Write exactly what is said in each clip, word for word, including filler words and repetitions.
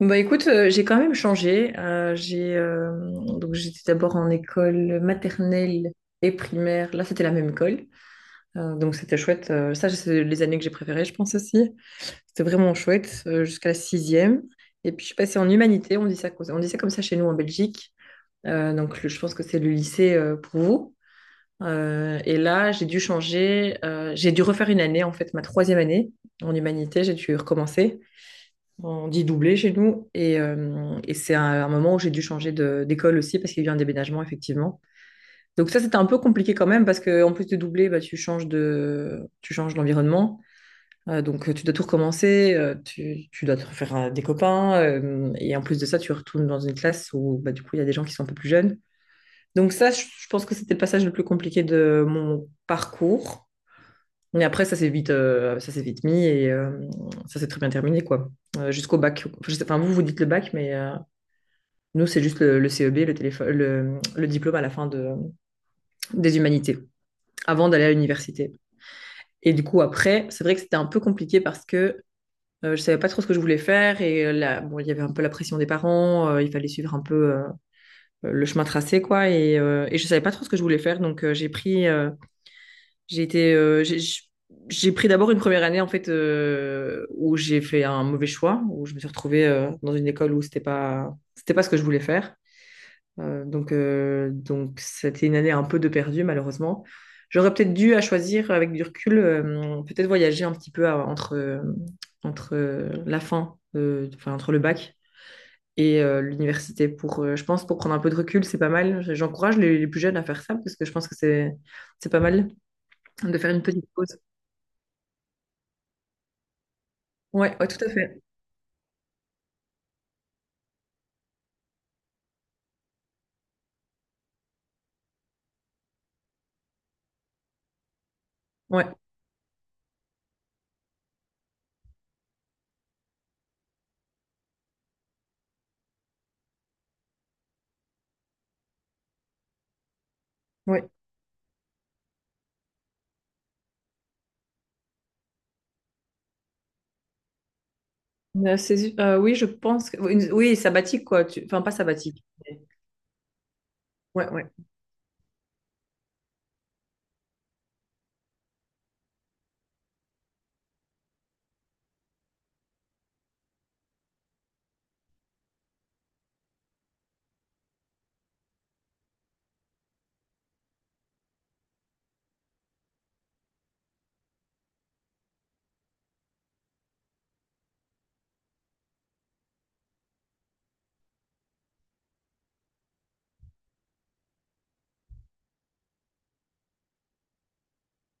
Bah écoute, euh, j'ai quand même changé. Euh, j'ai euh, Donc j'étais d'abord en école maternelle et primaire. Là, c'était la même école. Euh, donc c'était chouette. Euh, ça, c'est les années que j'ai préférées, je pense aussi. C'était vraiment chouette euh, jusqu'à la sixième. Et puis je suis passée en humanité. On dit ça, comme- on dit ça comme ça chez nous en Belgique. Euh, donc le- je pense que c'est le lycée euh, pour vous. Euh, et là, j'ai dû changer. Euh, j'ai dû refaire une année en fait, ma troisième année en humanité. J'ai dû recommencer. On dit doublé chez nous. Et, euh, et c'est un, un moment où j'ai dû changer de- d'école aussi parce qu'il y a eu un déménagement, effectivement. Donc ça, c'était un peu compliqué quand même parce qu'en plus de doubler, bah, tu changes de, tu changes d'environnement. Euh, donc euh, tu dois tout recommencer, euh, tu, tu dois te refaire euh, des copains. Euh, et en plus de ça, tu retournes dans une classe où bah, du coup, il y a des gens qui sont un peu plus jeunes. Donc ça, je, je pense que c'était le passage le plus compliqué de mon parcours. Mais après, ça s'est vite, euh, ça s'est vite mis et euh, ça s'est très bien terminé, quoi. Euh, jusqu'au bac. Enfin, je sais- enfin, vous, vous dites le bac, mais euh, nous, c'est juste le, le C E B, le, téléphone, le, le diplôme à la fin de, des humanités, avant d'aller à l'université. Et du coup, après, c'est vrai que c'était un peu compliqué parce que euh, je savais pas trop ce que je voulais faire et euh, là, bon, il y avait un peu la pression des parents, euh, il fallait suivre un peu euh, le chemin tracé, quoi. Et, euh, et je savais pas trop ce que je voulais faire, donc euh, j'ai pris euh, J'ai été, euh, j'ai j'ai pris d'abord une première année en fait euh, où j'ai fait un mauvais choix, où je me suis retrouvée euh, dans une école où c'était pas, c'était pas ce que je voulais faire. Euh, donc euh, donc c'était une année un peu de perdu malheureusement. J'aurais peut-être dû à choisir avec du recul, euh, peut-être voyager un petit peu à- entre euh, entre euh, la fin, euh, enfin entre le bac et euh, l'université pour, euh, je pense pour prendre un peu de recul, c'est pas mal. J'encourage les, les plus jeunes à faire ça parce que je pense que c'est c'est pas mal de faire une petite pause. Ouais, ouais, tout à fait. Ouais, ouais. Euh, c'est- euh, oui, je pense que... une- Oui, sabbatique, quoi. tu- Enfin, pas sabbatique. mais- Ouais, ouais,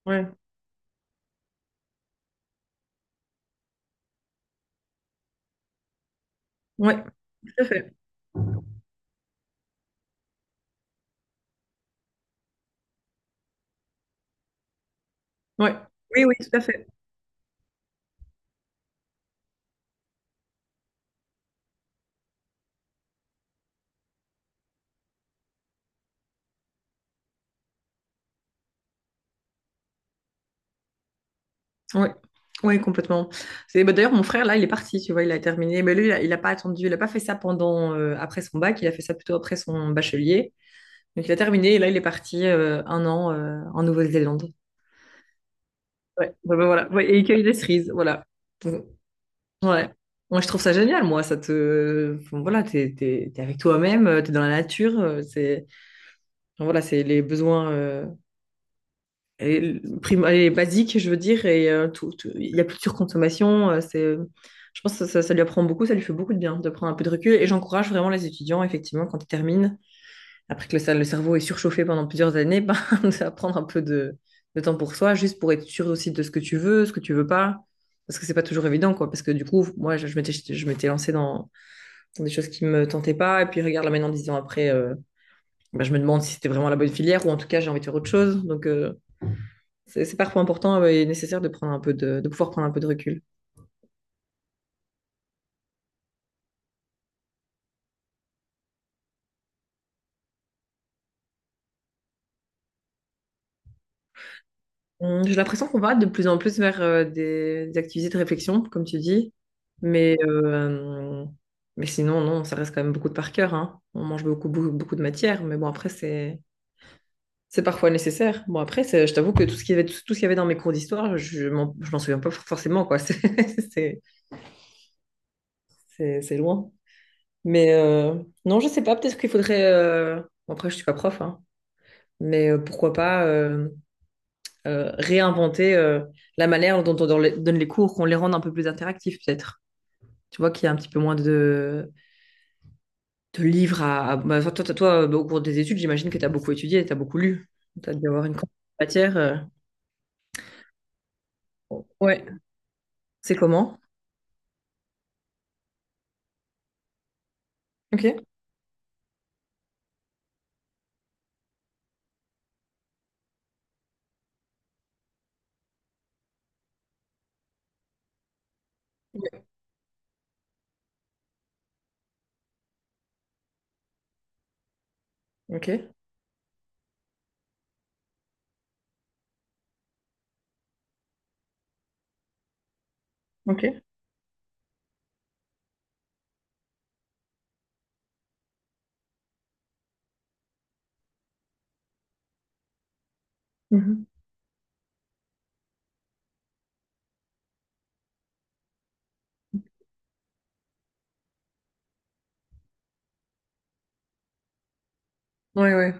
ouais. Ouais, tout à fait. Ouais. Oui, oui, tout à fait. Ouais. Oui, complètement. C'est bah, d'ailleurs mon frère là, il est parti, tu vois, il a terminé. Mais lui, il a, il a pas attendu, il a pas fait ça pendant euh, après son bac, il a fait ça plutôt après son bachelier. Donc il a terminé et là il est parti euh, un an euh, en Nouvelle-Zélande. Ouais, bah, bah, voilà. Ouais, et il cueille des cerises, voilà. Ouais. Moi, je trouve ça génial, moi. Ça te... enfin, voilà, t'es, t'es, t'es avec toi-même, euh, t'es dans la nature. euh, C'est... enfin, voilà, c'est les besoins euh, et l- prim- et basiques, je veux dire. Et euh, tout, tout- il y a plus de surconsommation. euh, c'est... Je pense que ça, ça- ça lui apprend beaucoup, ça lui fait beaucoup de bien de prendre un peu de recul. Et j'encourage vraiment les étudiants, effectivement, quand ils terminent, après que le, le cerveau est surchauffé pendant plusieurs années, ben, de prendre un peu de, de temps pour soi, juste pour être sûr aussi de ce que tu veux, ce que tu veux pas. Parce que c'est pas toujours évident, quoi. Parce que du coup, moi, je je m'étais je m'étais lancée dans des choses qui me tentaient pas. Et puis regarde là maintenant, dix ans après, euh, bah, je me demande si c'était vraiment la bonne filière ou en tout cas j'ai envie de faire autre chose. Donc euh, c'est c'est parfois important euh, et nécessaire de prendre un peu de, de pouvoir prendre un peu de recul. Hum, J'ai l'impression qu'on va de plus en plus vers euh, des, des activités de réflexion, comme tu dis, mais euh, mais sinon non, ça reste quand même beaucoup de par cœur, hein. On mange beaucoup, beaucoup beaucoup de matière, mais bon après c'est c'est parfois nécessaire. Bon après, c'est- je t'avoue que tout ce qu'il y avait tout ce qu'il y avait dans mes cours d'histoire, je m'en je m'en souviens pas forcément quoi. C'est c'est c'est- c'est loin. Mais euh, non, je sais pas, peut-être qu'il faudrait... euh, bon, Après, je suis pas prof, hein, mais euh, pourquoi pas euh, euh, réinventer euh, la manière dont on don- les- donne les cours, qu'on les rende un peu plus interactifs, peut-être. Tu vois qu'il y a un petit peu moins de, de livres à... à- bah, toi, toi, toi, toi, bah, au cours des études, j'imagine que tu as beaucoup étudié, tu as beaucoup lu. Tu as dû avoir une quantité de matière. euh. Ouais. C'est comment? Ok. Ouais. Ok. Ok. Mhm. Ouais, ouais.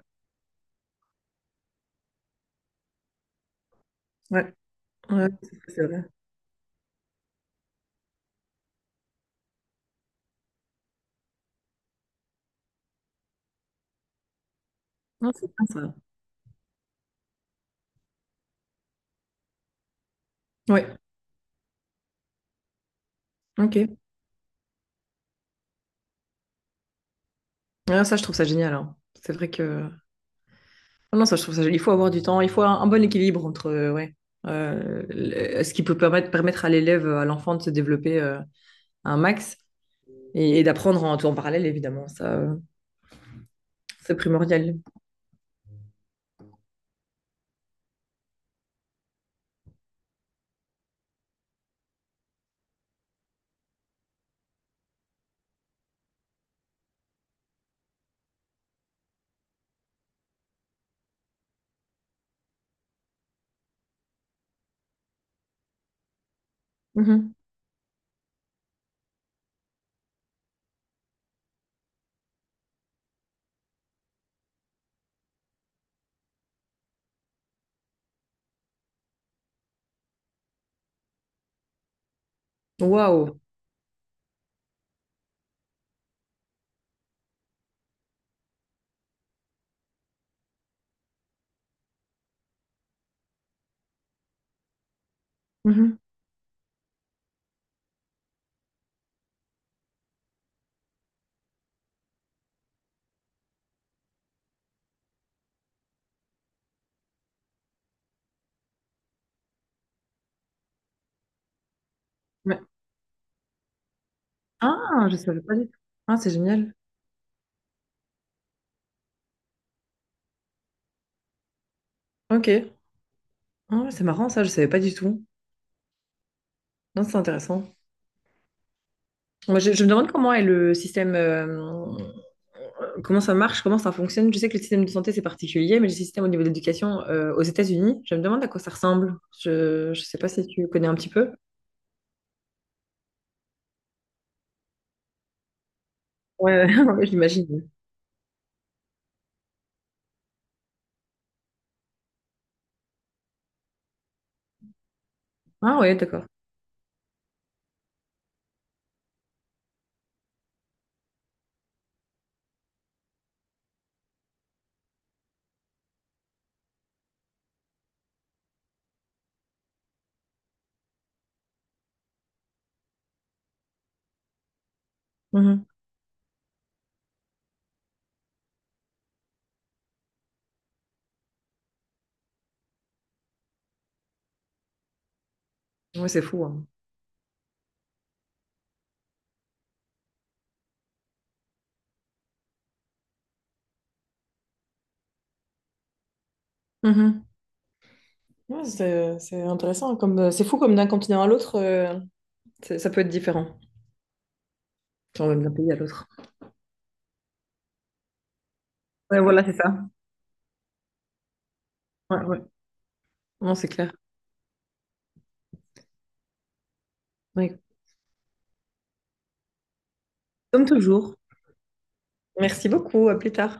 Ouais. Ouais, c'est vrai. Non, c'est bien ça. Ouais. Ok. Ah, ça, je trouve ça génial, hein. C'est vrai que... Ah non, ça, je trouve ça génial. Il faut avoir du temps, il faut un, un bon équilibre entre euh, ouais, euh, le- ce qui peut permettre, permettre à l'élève, à l'enfant de se développer euh, un max et, et d'apprendre en tout en parallèle, évidemment. Ça, euh, c'est primordial. Mhm. Waouh. Mhm. Ouais. Ah, je savais pas du tout. Ah, c'est génial. Ok. Ah, c'est marrant, ça, je savais pas du tout. Non, c'est intéressant. Moi, je, je me demande comment est le système. euh, Comment ça marche? Comment ça fonctionne? Je sais que le système de santé, c'est particulier, mais le système au niveau de l'éducation euh, aux États-Unis, je me demande à quoi ça ressemble. Je ne sais pas si tu connais un petit peu. Ouais, ouais, j'imagine. Ah ouais, d'accord. Mhm. Ouais, c'est fou, hein. Mhm. Ouais, c'est, c'est intéressant. Comme, euh, c'est fou comme d'un continent à l'autre. euh, C'est- Ça peut être différent, genre même d'un pays à l'autre. Ouais, voilà, c'est ça. Ouais, ouais. Non, c'est clair. Ouais. Comme toujours. Merci beaucoup, à plus tard.